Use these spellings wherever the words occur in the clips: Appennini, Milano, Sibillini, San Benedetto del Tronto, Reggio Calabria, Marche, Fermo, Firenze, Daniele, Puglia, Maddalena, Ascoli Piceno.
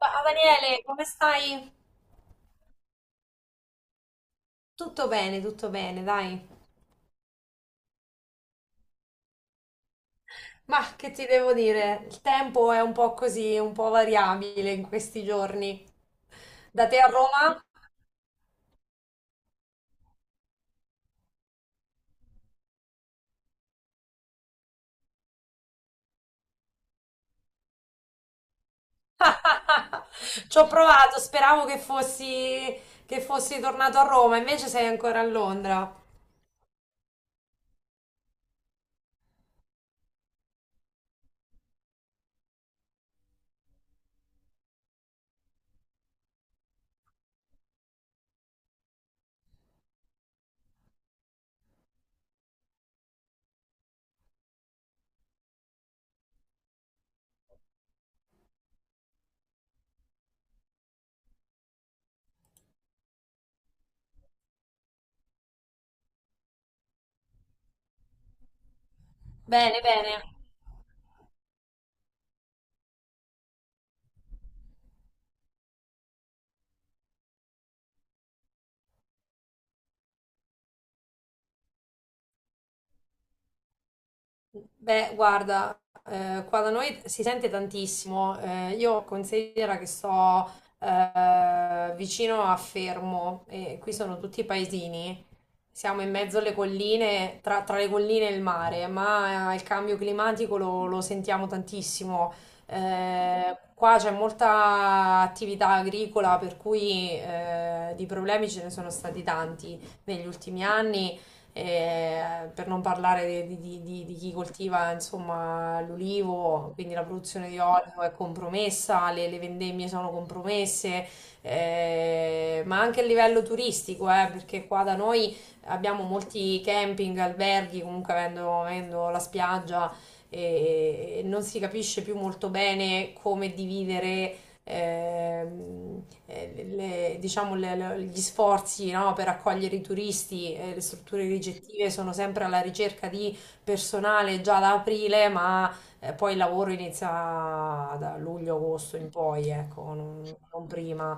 Ma Daniele, come stai? Tutto bene, dai. Ma che ti devo dire? Il tempo è un po' così, un po' variabile in questi giorni. Da te a Roma? Ci ho provato, speravo che fossi tornato a Roma, invece sei ancora a Londra. Bene, bene. Beh, guarda, qua da noi si sente tantissimo. Io considero che sto vicino a Fermo e qui sono tutti paesini. Siamo in mezzo alle colline, tra le colline e il mare, ma il cambio climatico lo sentiamo tantissimo. Qua c'è molta attività agricola, per cui di problemi ce ne sono stati tanti negli ultimi anni per non parlare di chi coltiva insomma l'olivo, quindi la produzione di olio è compromessa, le vendemmie sono compromesse, ma anche a livello turistico, perché qua da noi abbiamo molti camping, alberghi, comunque avendo la spiaggia e non si capisce più molto bene come dividere diciamo, gli sforzi, no, per accogliere i turisti. Eh, le strutture ricettive sono sempre alla ricerca di personale già da aprile, ma poi il lavoro inizia da luglio-agosto in poi, ecco. Non, non prima.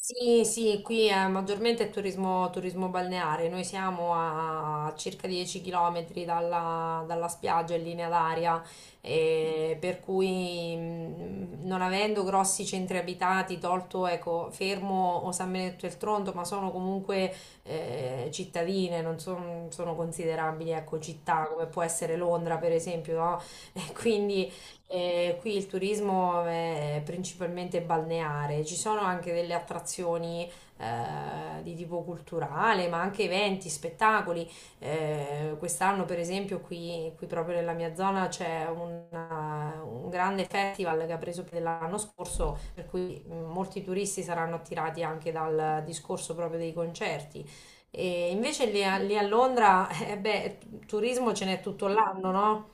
Sì, sì, qui è maggiormente turismo, turismo balneare. Noi siamo a circa 10 km dalla, dalla spiaggia in linea d'aria, e per cui non avendo grossi centri abitati, tolto ecco, Fermo o San Benedetto del Tronto, ma sono comunque cittadine, non son- sono considerabili ecco, città come può essere Londra, per esempio, no? Quindi qui il turismo è principalmente balneare, ci sono anche delle attrazioni di tipo culturale, ma anche eventi, spettacoli. Quest'anno, per esempio, qui, qui proprio nella mia zona c'è un grande festival che ha preso piede l'anno scorso, per cui molti turisti saranno attirati anche dal discorso proprio dei concerti. E invece lì a Londra, beh, turismo ce n'è tutto l'anno, no?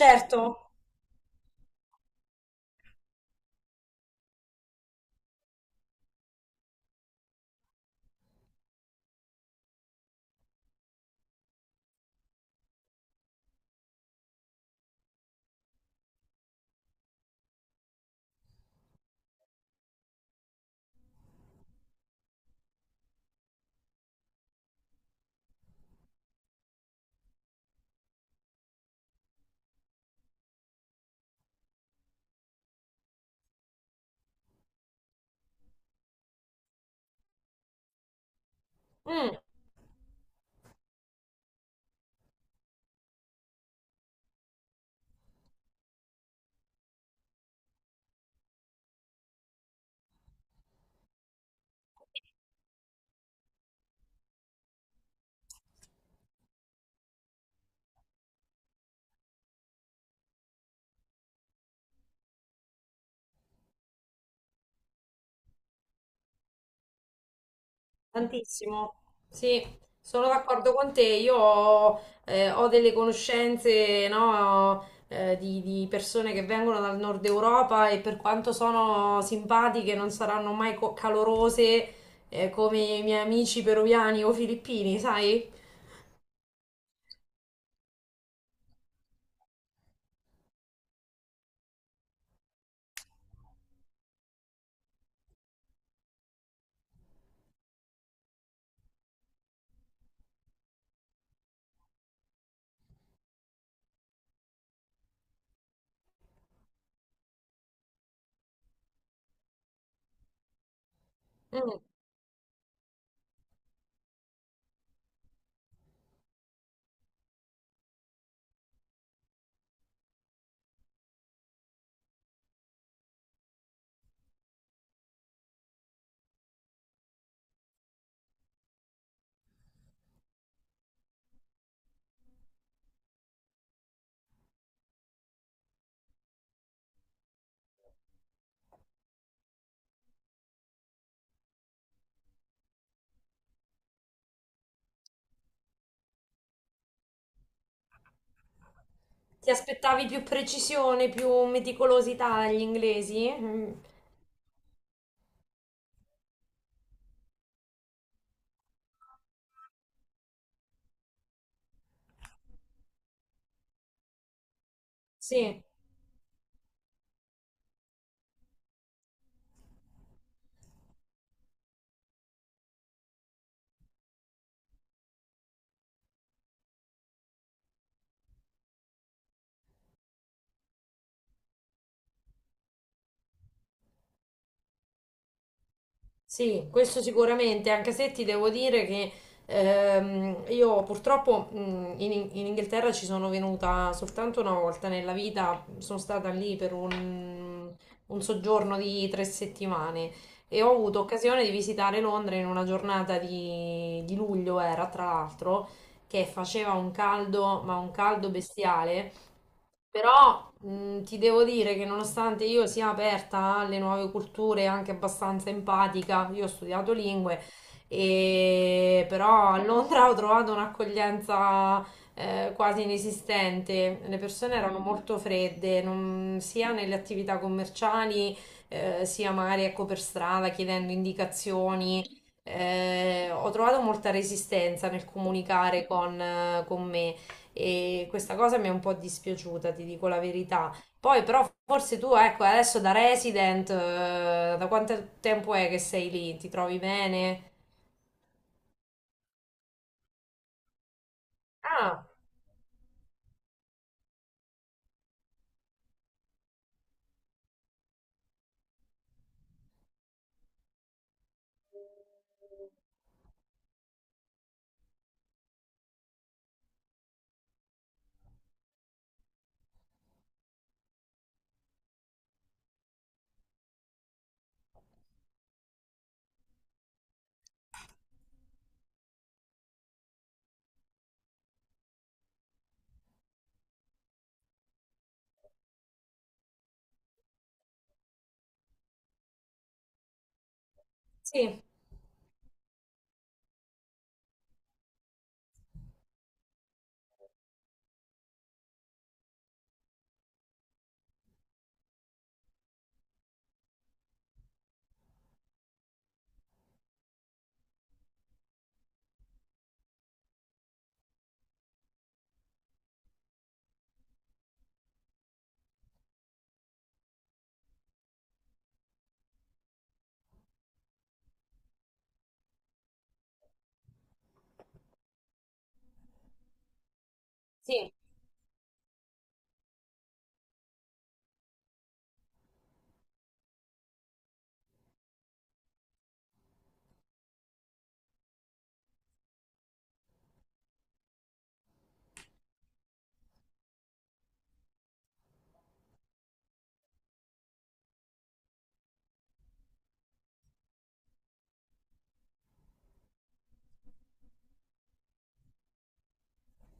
Certo. Mm, tantissimo, sì, sono d'accordo con te. Io ho, ho delle conoscenze, no, di persone che vengono dal nord Europa e per quanto sono simpatiche, non saranno mai calorose, come i miei amici peruviani o filippini, sai? Mm. Ti aspettavi più precisione, più meticolosità dagli inglesi? Mm, sì. Sì, questo sicuramente, anche se ti devo dire che io purtroppo in Inghilterra ci sono venuta soltanto una volta nella vita, sono stata lì per un soggiorno di 3 settimane e ho avuto occasione di visitare Londra in una giornata di luglio. Era tra l'altro, che faceva un caldo, ma un caldo bestiale. Però ti devo dire che nonostante io sia aperta alle nuove culture, e anche abbastanza empatica, io ho studiato lingue, e però a Londra ho trovato un'accoglienza quasi inesistente. Le persone erano molto fredde, non- sia nelle attività commerciali, sia magari ecco per strada chiedendo indicazioni. Ho trovato molta resistenza nel comunicare con me e questa cosa mi è un po' dispiaciuta, ti dico la verità. Poi però forse tu, ecco, adesso da resident, da quanto tempo è che sei lì? Ti trovi bene? Ah, sì, sì,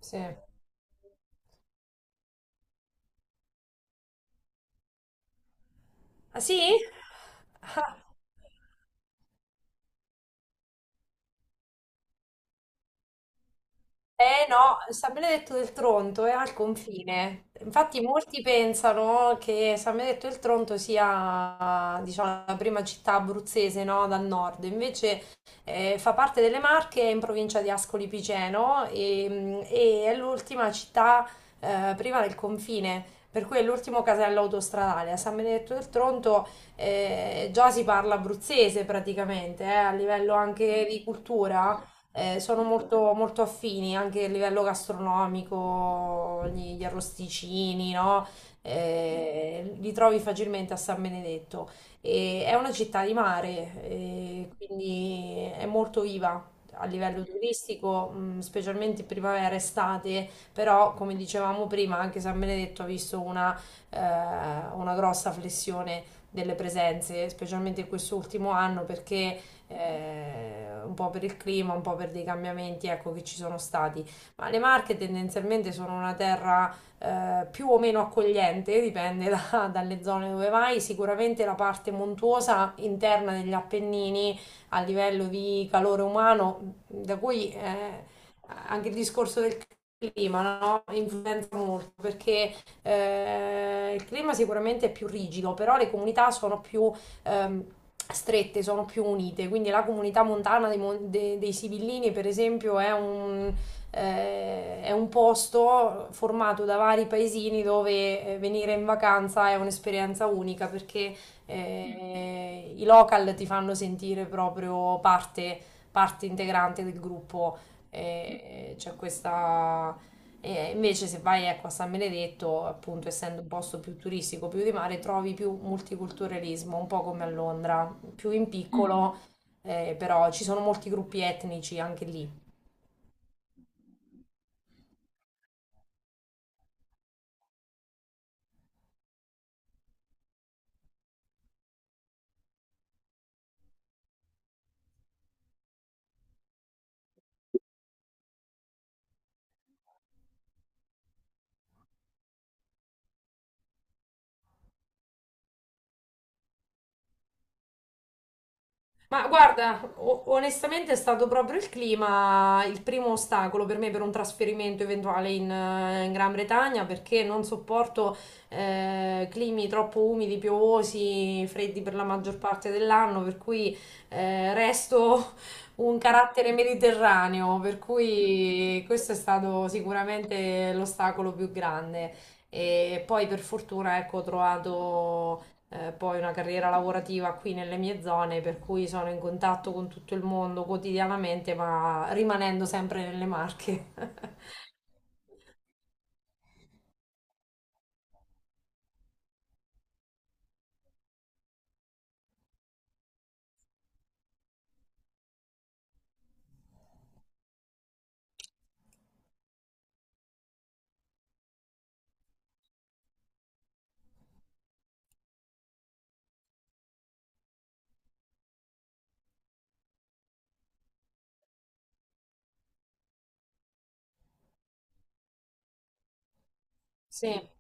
sì. Ah, sì? Ah. Eh no, San Benedetto del Tronto è al confine. Infatti molti pensano che San Benedetto del Tronto sia, diciamo, la prima città abruzzese, no, dal nord. Invece fa parte delle Marche, è in provincia di Ascoli Piceno e, mm, e è l'ultima città prima del confine. Per cui è l'ultimo casello autostradale. A San Benedetto del Tronto già si parla abruzzese praticamente, a livello anche di cultura sono molto, molto affini anche a livello gastronomico, gli arrosticini, no? Li trovi facilmente a San Benedetto. E è una città di mare, quindi è molto viva. A livello turistico, specialmente primavera, estate, però come dicevamo prima, anche San Benedetto ha visto eh, una grossa flessione delle presenze, specialmente in quest'ultimo anno, perché un po' per il clima, un po' per dei cambiamenti, ecco, che ci sono stati. Ma le Marche tendenzialmente sono una terra più o meno accogliente, dipende dalle zone dove vai. Sicuramente la parte montuosa interna degli Appennini a livello di calore umano, da cui anche il discorso del clima, clima no? Influenza molto perché il clima sicuramente è più rigido, però le comunità sono più ehm, strette, sono più unite. Quindi la comunità montana dei Sibillini, per esempio, è un posto formato da vari paesini dove venire in vacanza è un'esperienza unica perché i local ti fanno sentire proprio parte, parte integrante del gruppo. E, e c'è questa e invece se vai ecco, a San Benedetto, appunto, essendo un posto più turistico, più di mare, trovi più multiculturalismo, un po' come a Londra, più in Mm. piccolo, però ci sono molti gruppi etnici anche lì. Ma guarda, onestamente è stato proprio il clima il primo ostacolo per me per un trasferimento eventuale in, in Gran Bretagna perché non sopporto climi troppo umidi, piovosi, freddi per la maggior parte dell'anno, per cui resto un carattere mediterraneo, per cui questo è stato sicuramente l'ostacolo più grande. E poi per fortuna ecco, ho trovato poi una carriera lavorativa qui nelle mie zone, per cui sono in contatto con tutto il mondo quotidianamente, ma rimanendo sempre nelle Marche. Sì,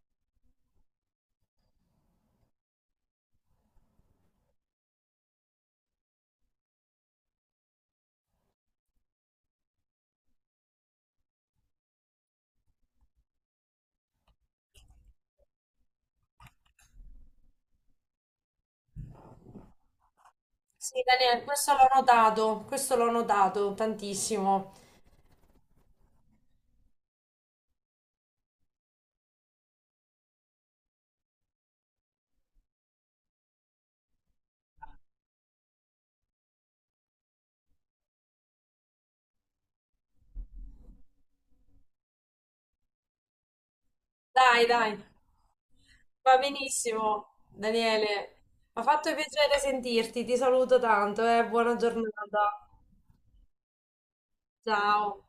sì, Daniele, questo l'ho notato tantissimo. Dai, dai, va benissimo, Daniele. Mi ha fatto piacere sentirti, ti saluto tanto, buona giornata. Ciao.